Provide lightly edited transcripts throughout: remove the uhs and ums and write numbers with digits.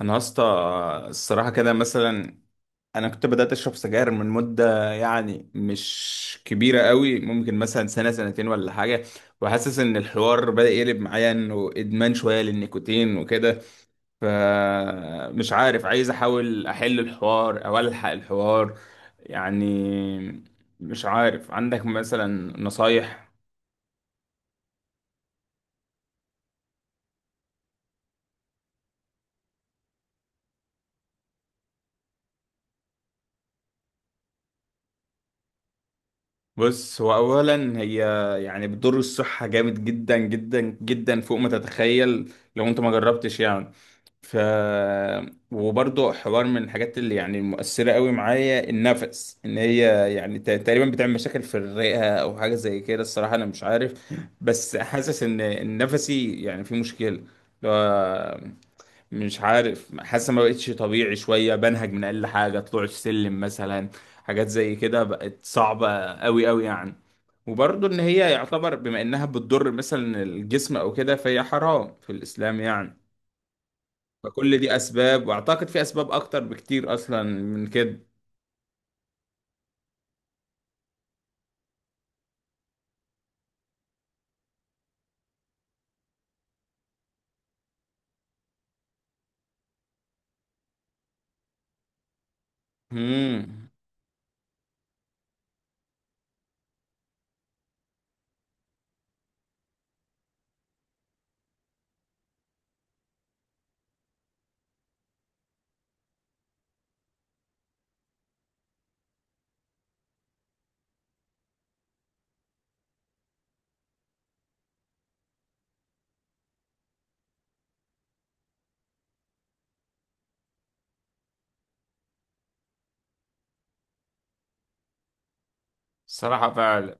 انا يا اسطى، الصراحه كده مثلا انا كنت بدات اشرب سجاير من مده يعني مش كبيره قوي، ممكن مثلا سنه سنتين ولا حاجه. وحاسس ان الحوار بدا يقلب معايا، انه ادمان شويه للنيكوتين وكده. فمش عارف، عايز احاول احل الحوار او الحق الحوار يعني. مش عارف، عندك مثلا نصايح؟ بص، هو اولا هي يعني بتضر الصحه جامد جدا جدا جدا فوق ما تتخيل لو انت ما جربتش يعني. ف وبرضه، حوار من الحاجات اللي يعني مؤثرة قوي معايا، النفس ان هي يعني تقريبا بتعمل مشاكل في الرئة او حاجة زي كده، الصراحة انا مش عارف. بس حاسس ان نفسي يعني في مشكلة اللي هو، مش عارف، حاسس ما بقتش طبيعي شوية، بنهج من اقل حاجة طلوع السلم مثلا. حاجات زي كده بقت صعبة قوي قوي يعني. وبرضه ان هي يعتبر بما انها بتضر مثلا الجسم او كده، فهي حرام في الاسلام يعني. فكل دي اسباب، واعتقد في اسباب اكتر بكتير اصلا من كده. امم. الصراحة فعلا.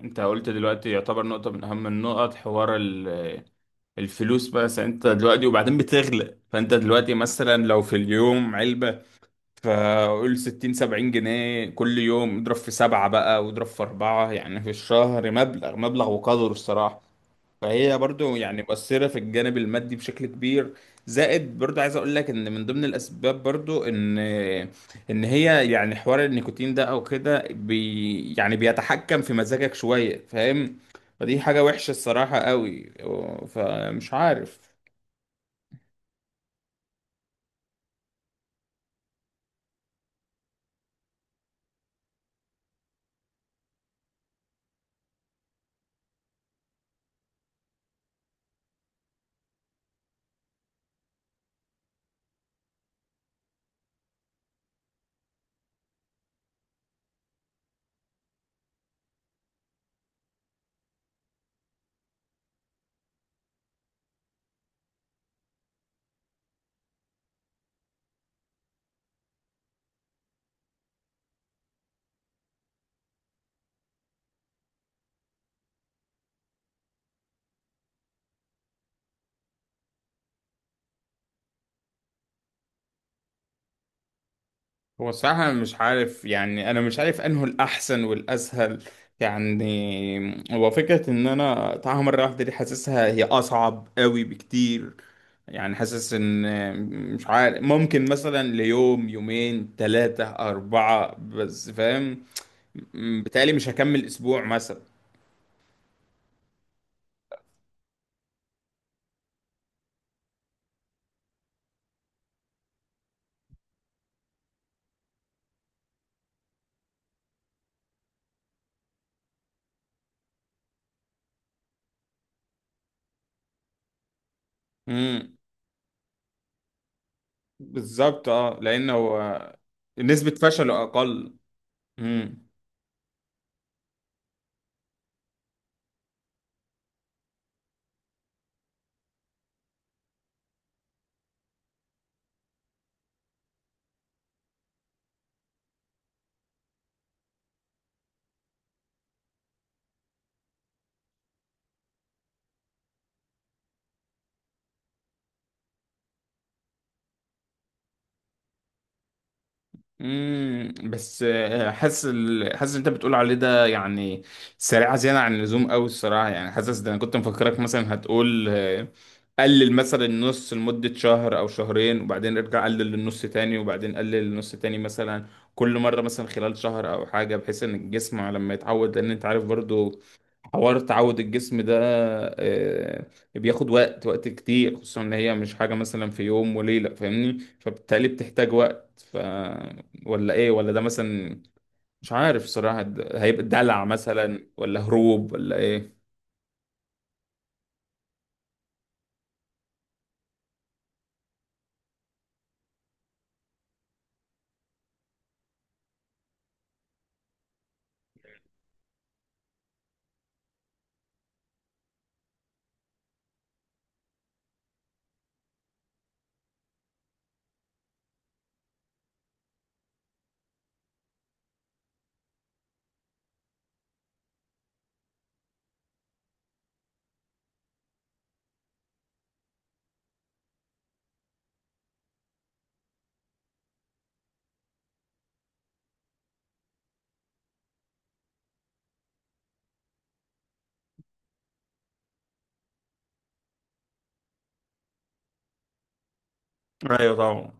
انت قلت دلوقتي يعتبر نقطة من اهم النقط، حوار الفلوس. بس انت دلوقتي وبعدين بتغلى، فانت دلوقتي مثلا لو في اليوم علبة، فقول 60 70 جنيه كل يوم، اضرب في 7 بقى واضرب في 4 يعني في الشهر، مبلغ وقدره الصراحة. فهي برضو يعني مؤثرة في الجانب المادي بشكل كبير. زائد برضو عايز اقول لك ان من ضمن الاسباب برضو ان هي يعني حوار النيكوتين ده او كده، يعني بيتحكم في مزاجك شوية، فاهم؟ فدي حاجة وحشة الصراحة قوي، فمش عارف. هو الصراحة أنا مش عارف يعني، أنا مش عارف أنه الأحسن والأسهل. يعني هو فكرة إن أنا أقطعها مرة واحدة دي، حاسسها هي أصعب قوي بكتير. يعني حاسس إن، مش عارف، ممكن مثلا ليوم يومين تلاتة أربعة بس، فاهم؟ بتهيألي مش هكمل أسبوع مثلا. امم. بالظبط أه، لأن هو نسبة فشله أقل. امم، امم. بس حاسس حاسس انت بتقول عليه ده يعني سريعه زياده عن اللزوم قوي الصراحه. يعني حاسس ده انا كنت مفكرك مثلا هتقول، قلل مثلا النص لمده شهر او شهرين، وبعدين ارجع قلل للنص تاني، وبعدين قلل للنص تاني مثلا. كل مره مثلا خلال شهر او حاجه، بحيث ان الجسم لما يتعود، لان انت عارف برضو حوار تعود الجسم ده آه، بياخد وقت، وقت كتير، خصوصا ان هي مش حاجة مثلا في يوم وليلة، فاهمني؟ فبالتالي بتحتاج وقت. ولا ايه، ولا ده مثلا، مش عارف صراحة ده هيبقى دلع مثلا ولا هروب ولا ايه؟ ايوه طبعا.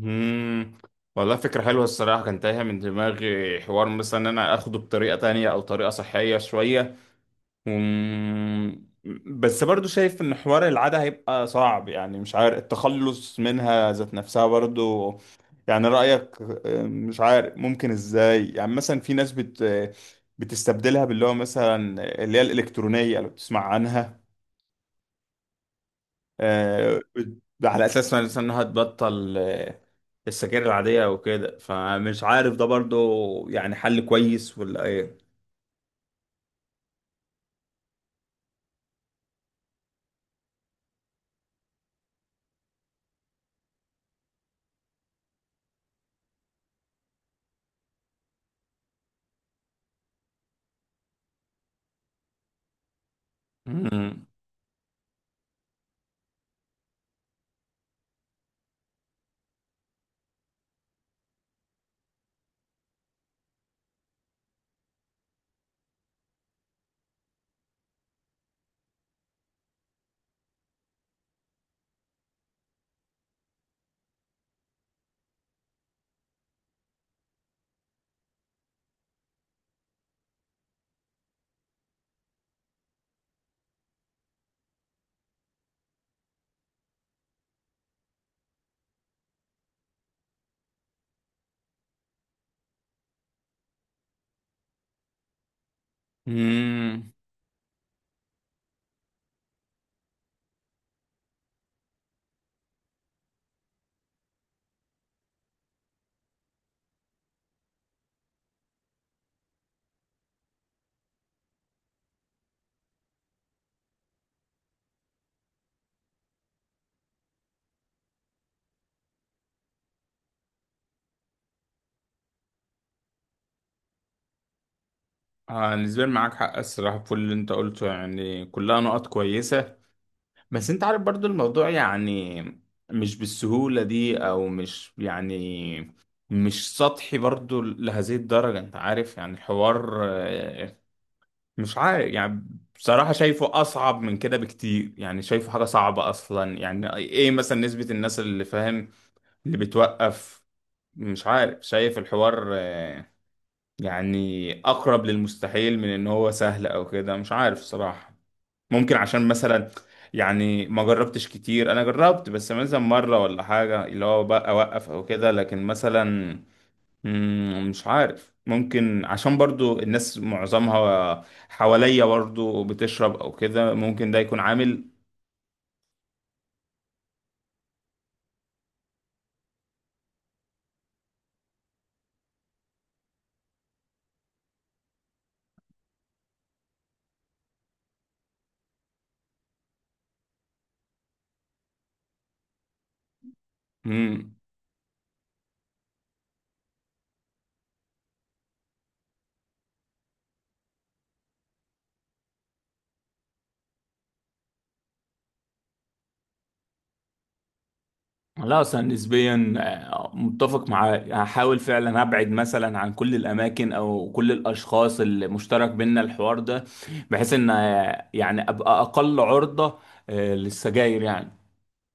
امم، والله فكرة حلوة الصراحة، كان تايهة من دماغي حوار مثلا إن انا اخده بطريقة تانية او طريقة صحية شوية. مم. بس برضو شايف ان حوار العادة هيبقى صعب، يعني مش عارف التخلص منها ذات نفسها برضو. يعني رأيك؟ مش عارف ممكن ازاي، يعني مثلا في ناس بتستبدلها باللي هو مثلا اللي هي الإلكترونية، لو بتسمع عنها. آه، بت- على أساس مثلا إنها تبطل السجاير العادية أو كده، فمش عارف ده برضو يعني حل كويس ولا إيه؟ مم. مم. آه، نسبيا معاك حق الصراحة في كل اللي انت قلته، يعني كلها نقط كويسة. بس انت عارف برضو الموضوع يعني مش بالسهولة دي، او مش يعني مش سطحي برضو لهذه الدرجة، انت عارف يعني الحوار مش عارف يعني. بصراحة شايفه أصعب من كده بكتير، يعني شايفه حاجة صعبة أصلا، يعني إيه مثلا نسبة الناس اللي فاهم، اللي بتوقف؟ مش عارف، شايف الحوار يعني اقرب للمستحيل من ان هو سهل او كده، مش عارف صراحة. ممكن عشان مثلا، يعني ما جربتش كتير، انا جربت بس مثلا مرة ولا حاجة اللي هو بقى اوقف او كده، لكن مثلا مم، مش عارف، ممكن عشان برضو الناس معظمها حواليا برضو بتشرب او كده، ممكن ده يكون عامل. مم. لا، اصلا نسبيا متفق معاه، هحاول فعلا ابعد مثلا عن كل الاماكن او كل الاشخاص اللي مشترك بينا الحوار ده، بحيث ان يعني ابقى اقل عرضة للسجاير يعني